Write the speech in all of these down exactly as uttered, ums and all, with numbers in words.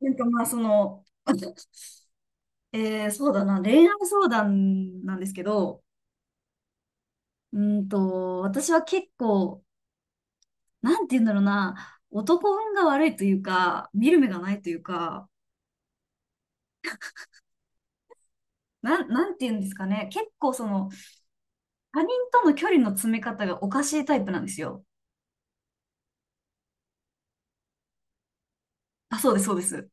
なんかまあ、その、えー、そうだな、恋愛相談なんですけど、うーんと、私は結構、なんて言うんだろうな、男運が悪いというか、見る目がないというか、なん、なんて言うんですかね、結構その、他人との距離の詰め方がおかしいタイプなんですよ。あ、そうです、そうです。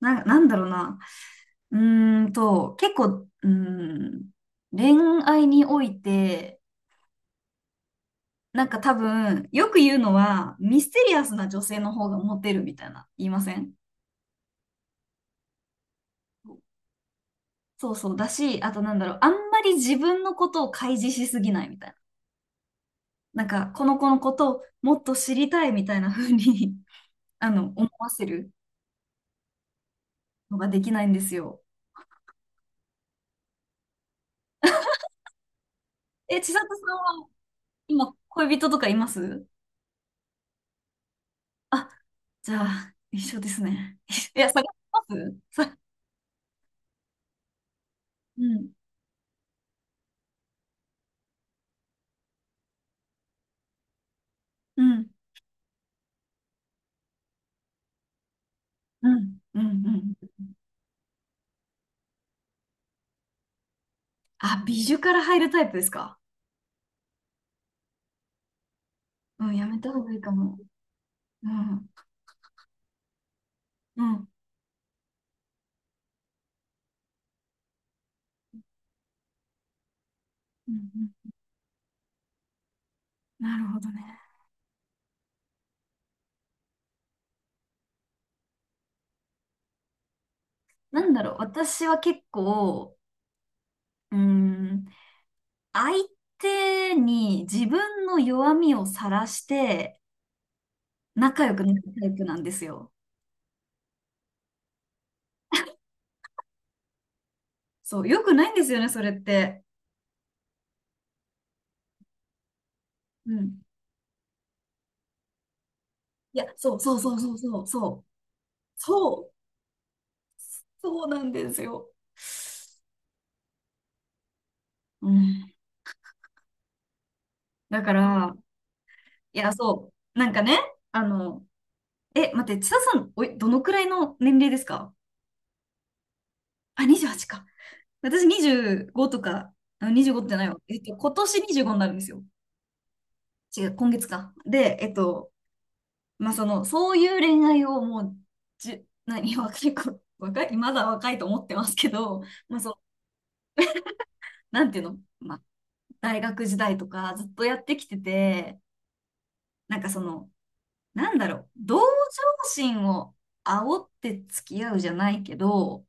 な、なんだろうな、うーんと、結構、うーん、恋愛において、なんか多分、よく言うのは、ミステリアスな女性の方がモテるみたいな、言いません？そうそう。だし、あとなんだろう、あんまり自分のことを開示しすぎないみたいな。なんか、この子のことをもっと知りたいみたいな風に あの、思わせるのができないんですよ。え、千里さんは、今、恋人とかいます？あ、じゃあ、一緒ですね。いや、探しますさ、うん、うん、うん、うん、うん。あ、美女から入るタイプですか？うん、やめた方がいいかも。うん、うん、うん、うん。なるほどね。なんだろう、私は結構、うーん、相手に自分の弱みをさらして仲良くなるタイプなんですよ。そう、良くないんですよね、それって。うん。いや、そうそうそうそうそう、そう、そう、そうなんですよ。うん。だから、いや、そう、なんかね、あの、え、待って、千田さん、おい、どのくらいの年齢ですか？あ、にじゅうはっか。私にじゅうごとか、あにじゅうごってないわ。えっと、今年にじゅうごになるんですよ。違う、今月か。で、えっと、まあ、その、そういう恋愛をもう、じゅ、何、若い子、若い、まだ若いと思ってますけど、まあ、そう、なんていうの、まあ、大学時代とかずっとやってきてて、なんかその、なんだろう、同情心を煽って付き合うじゃないけど、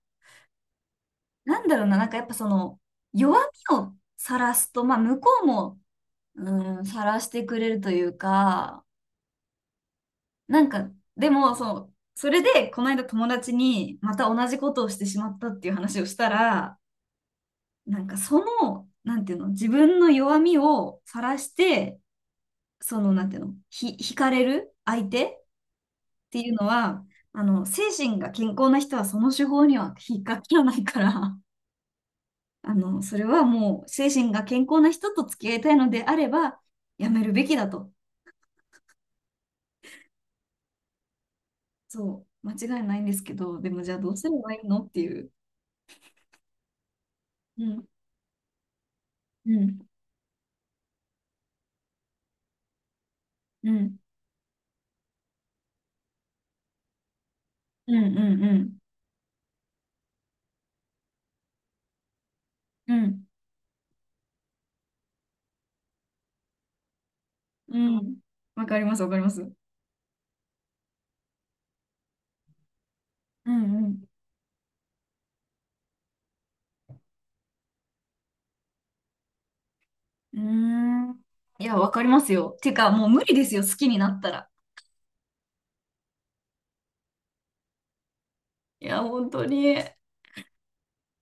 なんだろうな、なんかやっぱその、弱みをさらすと、まあ、向こうも、うん、晒してくれるというか、なんか、でも、そう、それで、この間友達に、また同じことをしてしまったっていう話をしたら、なんか、その、なんていうの、自分の弱みを晒して、その、なんていうの、ひ、惹かれる相手っていうのは、あの、精神が健康な人はその手法には引っかからないから、あの、それはもう、精神が健康な人と付き合いたいのであれば、やめるべきだと。そう、間違いないんですけど、でもじゃあどうすればいいのっていう。うん、うん、うん、うん、うん、うん、うん、うん。わかります、わかります。うん、うん。うーん。いや、わかりますよ。てか、もう無理ですよ、好きになったら。いや、本当に。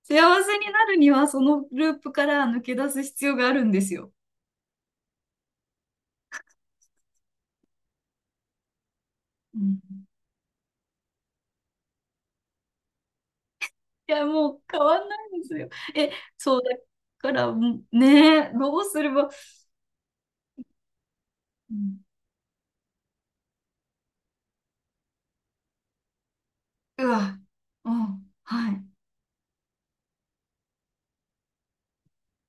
幸せになるには、そのループから抜け出す必要があるんですよ。うん。いや、もう変わんないんですよ。え、そうだから、もうねえ、どうすれば、うん、うわ、うん、はい。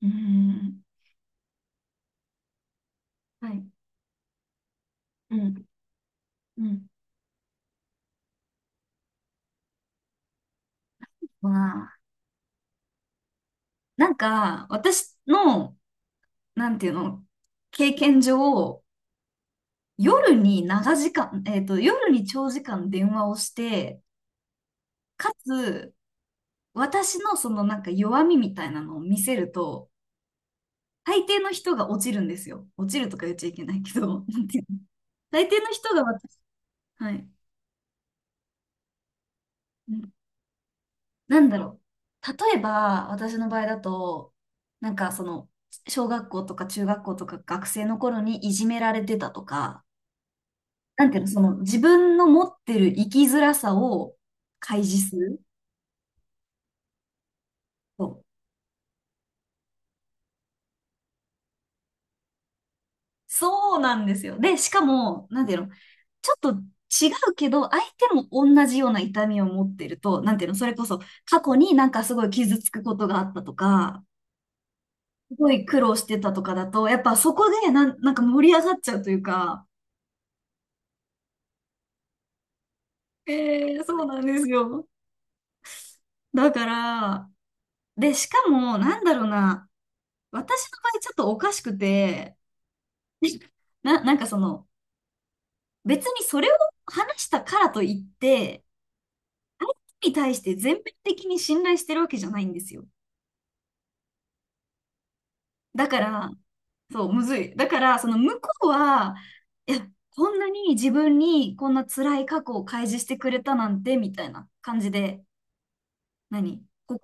うん。はい。うん、うん、まあ、なんか、私の、なんていうの、経験上、夜に長時間、えっと、夜に長時間電話をして、かつ、私のそのなんか弱みみたいなのを見せると、大抵の人が落ちるんですよ。落ちるとか言っちゃいけないけど、なんていうの、大抵の人が私、はい。なんだろう。例えば、私の場合だと、なんかその、小学校とか中学校とか学生の頃にいじめられてたとか、なんていうの、その自分の持ってる生きづらさを開示する。そう。そうなんですよ。で、しかも、なんていうの、ちょっと違うけど、相手も同じような痛みを持ってると、なんていうの、それこそ過去になんかすごい傷つくことがあったとか、すごい苦労してたとかだと、やっぱそこでなん、なんか盛り上がっちゃうというか、えー、そうなんですよ。だから、で、しかも、なんだろうな、私の場合ちょっとおかしくて、な、なんかその、別にそれを話したからといって、に対して全面的に信頼してるわけじゃないんですよ。だから、そう、むずい。だから、その向こうは、いや、こんなに自分にこんな辛い過去を開示してくれたなんて、みたいな感じで、何心、ご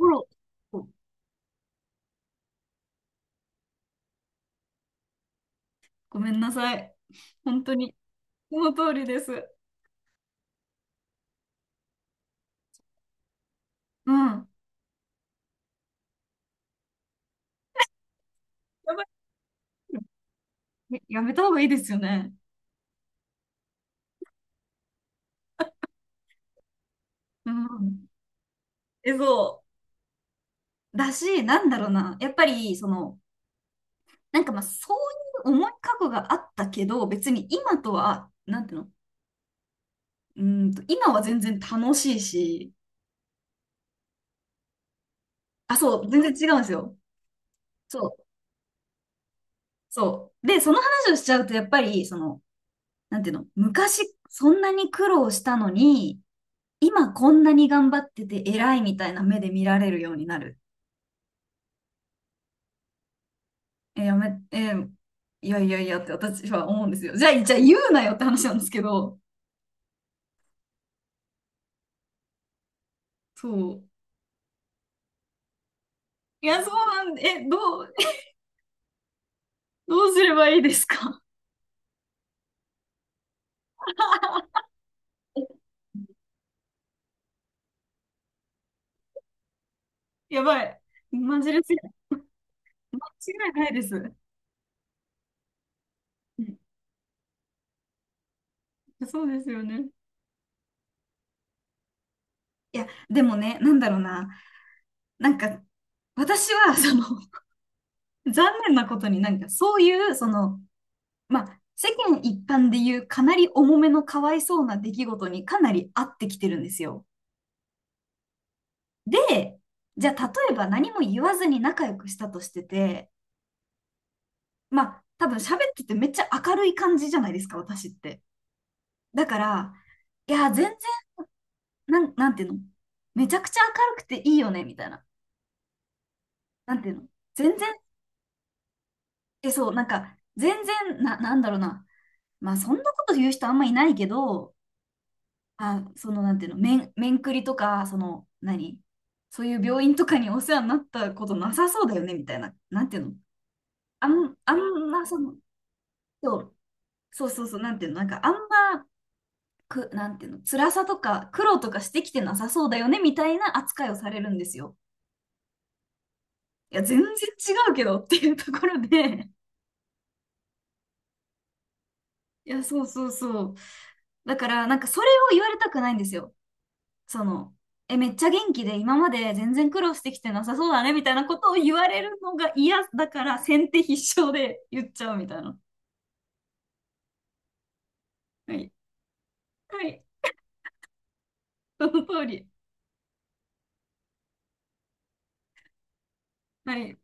ごめんなさい。本当に、その通りです。うん。やばい。えやめた方がいいですよね。うん。え、そう。だし、なんだろうな。やっぱり、その、なんかまあ、そういう重い過去があったけど、別に今とは、なんていうの、うーんと、今は全然楽しいし、あ、そう、全然違うんですよ。そう、そう。で、その話をしちゃうと、やっぱり、その、なんていうの、昔、そんなに苦労したのに、今こんなに頑張ってて偉いみたいな目で見られるようになる。え、やめ、え、いやいやいやって私は思うんですよ。じゃあ、じゃあ言うなよって話なんですけど、そう。いや、そうなんで、え、どう、どうすればいいですか？ やばい。マジレス、間違いないです。うん、そうですよね。いや、でもね、なんだろうな。なんか、私は、その、残念なことになんか、そういう、その、まあ、世間一般でいうかなり重めのかわいそうな出来事にかなり合ってきてるんですよ。で、じゃあ例えば何も言わずに仲良くしたとしてて、まあ多分喋っててめっちゃ明るい感じじゃないですか、私って。だから、いや、全然、なん、なんていうの、めちゃくちゃ明るくていいよね、みたいな。なんていうの、全然、え、そう、なんか、全然、な、なんだろうな。まあそんなこと言う人あんまいないけど、あ、そのなんていうの、面、面くりとか、その、何、そういう病院とかにお世話になったことなさそうだよね、みたいな。なんていうの、あん、あんな、その、そう、そうそうそう、なんていうの、なんかあんま、く、なんていうの、辛さとか苦労とかしてきてなさそうだよねみたいな扱いをされるんですよ。いや、全然違うけどっていうところで いや、そうそうそう。だから、なんかそれを言われたくないんですよ。その、え、めっちゃ元気で今まで全然苦労してきてなさそうだねみたいなことを言われるのが嫌だから先手必勝で言っちゃうみたいな。はい。はい。その通り。はい。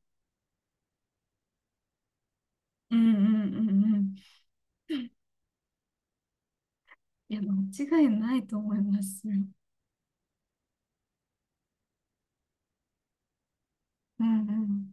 うん、うん、うん、うん。いや、間違いないと思います。うん、うん。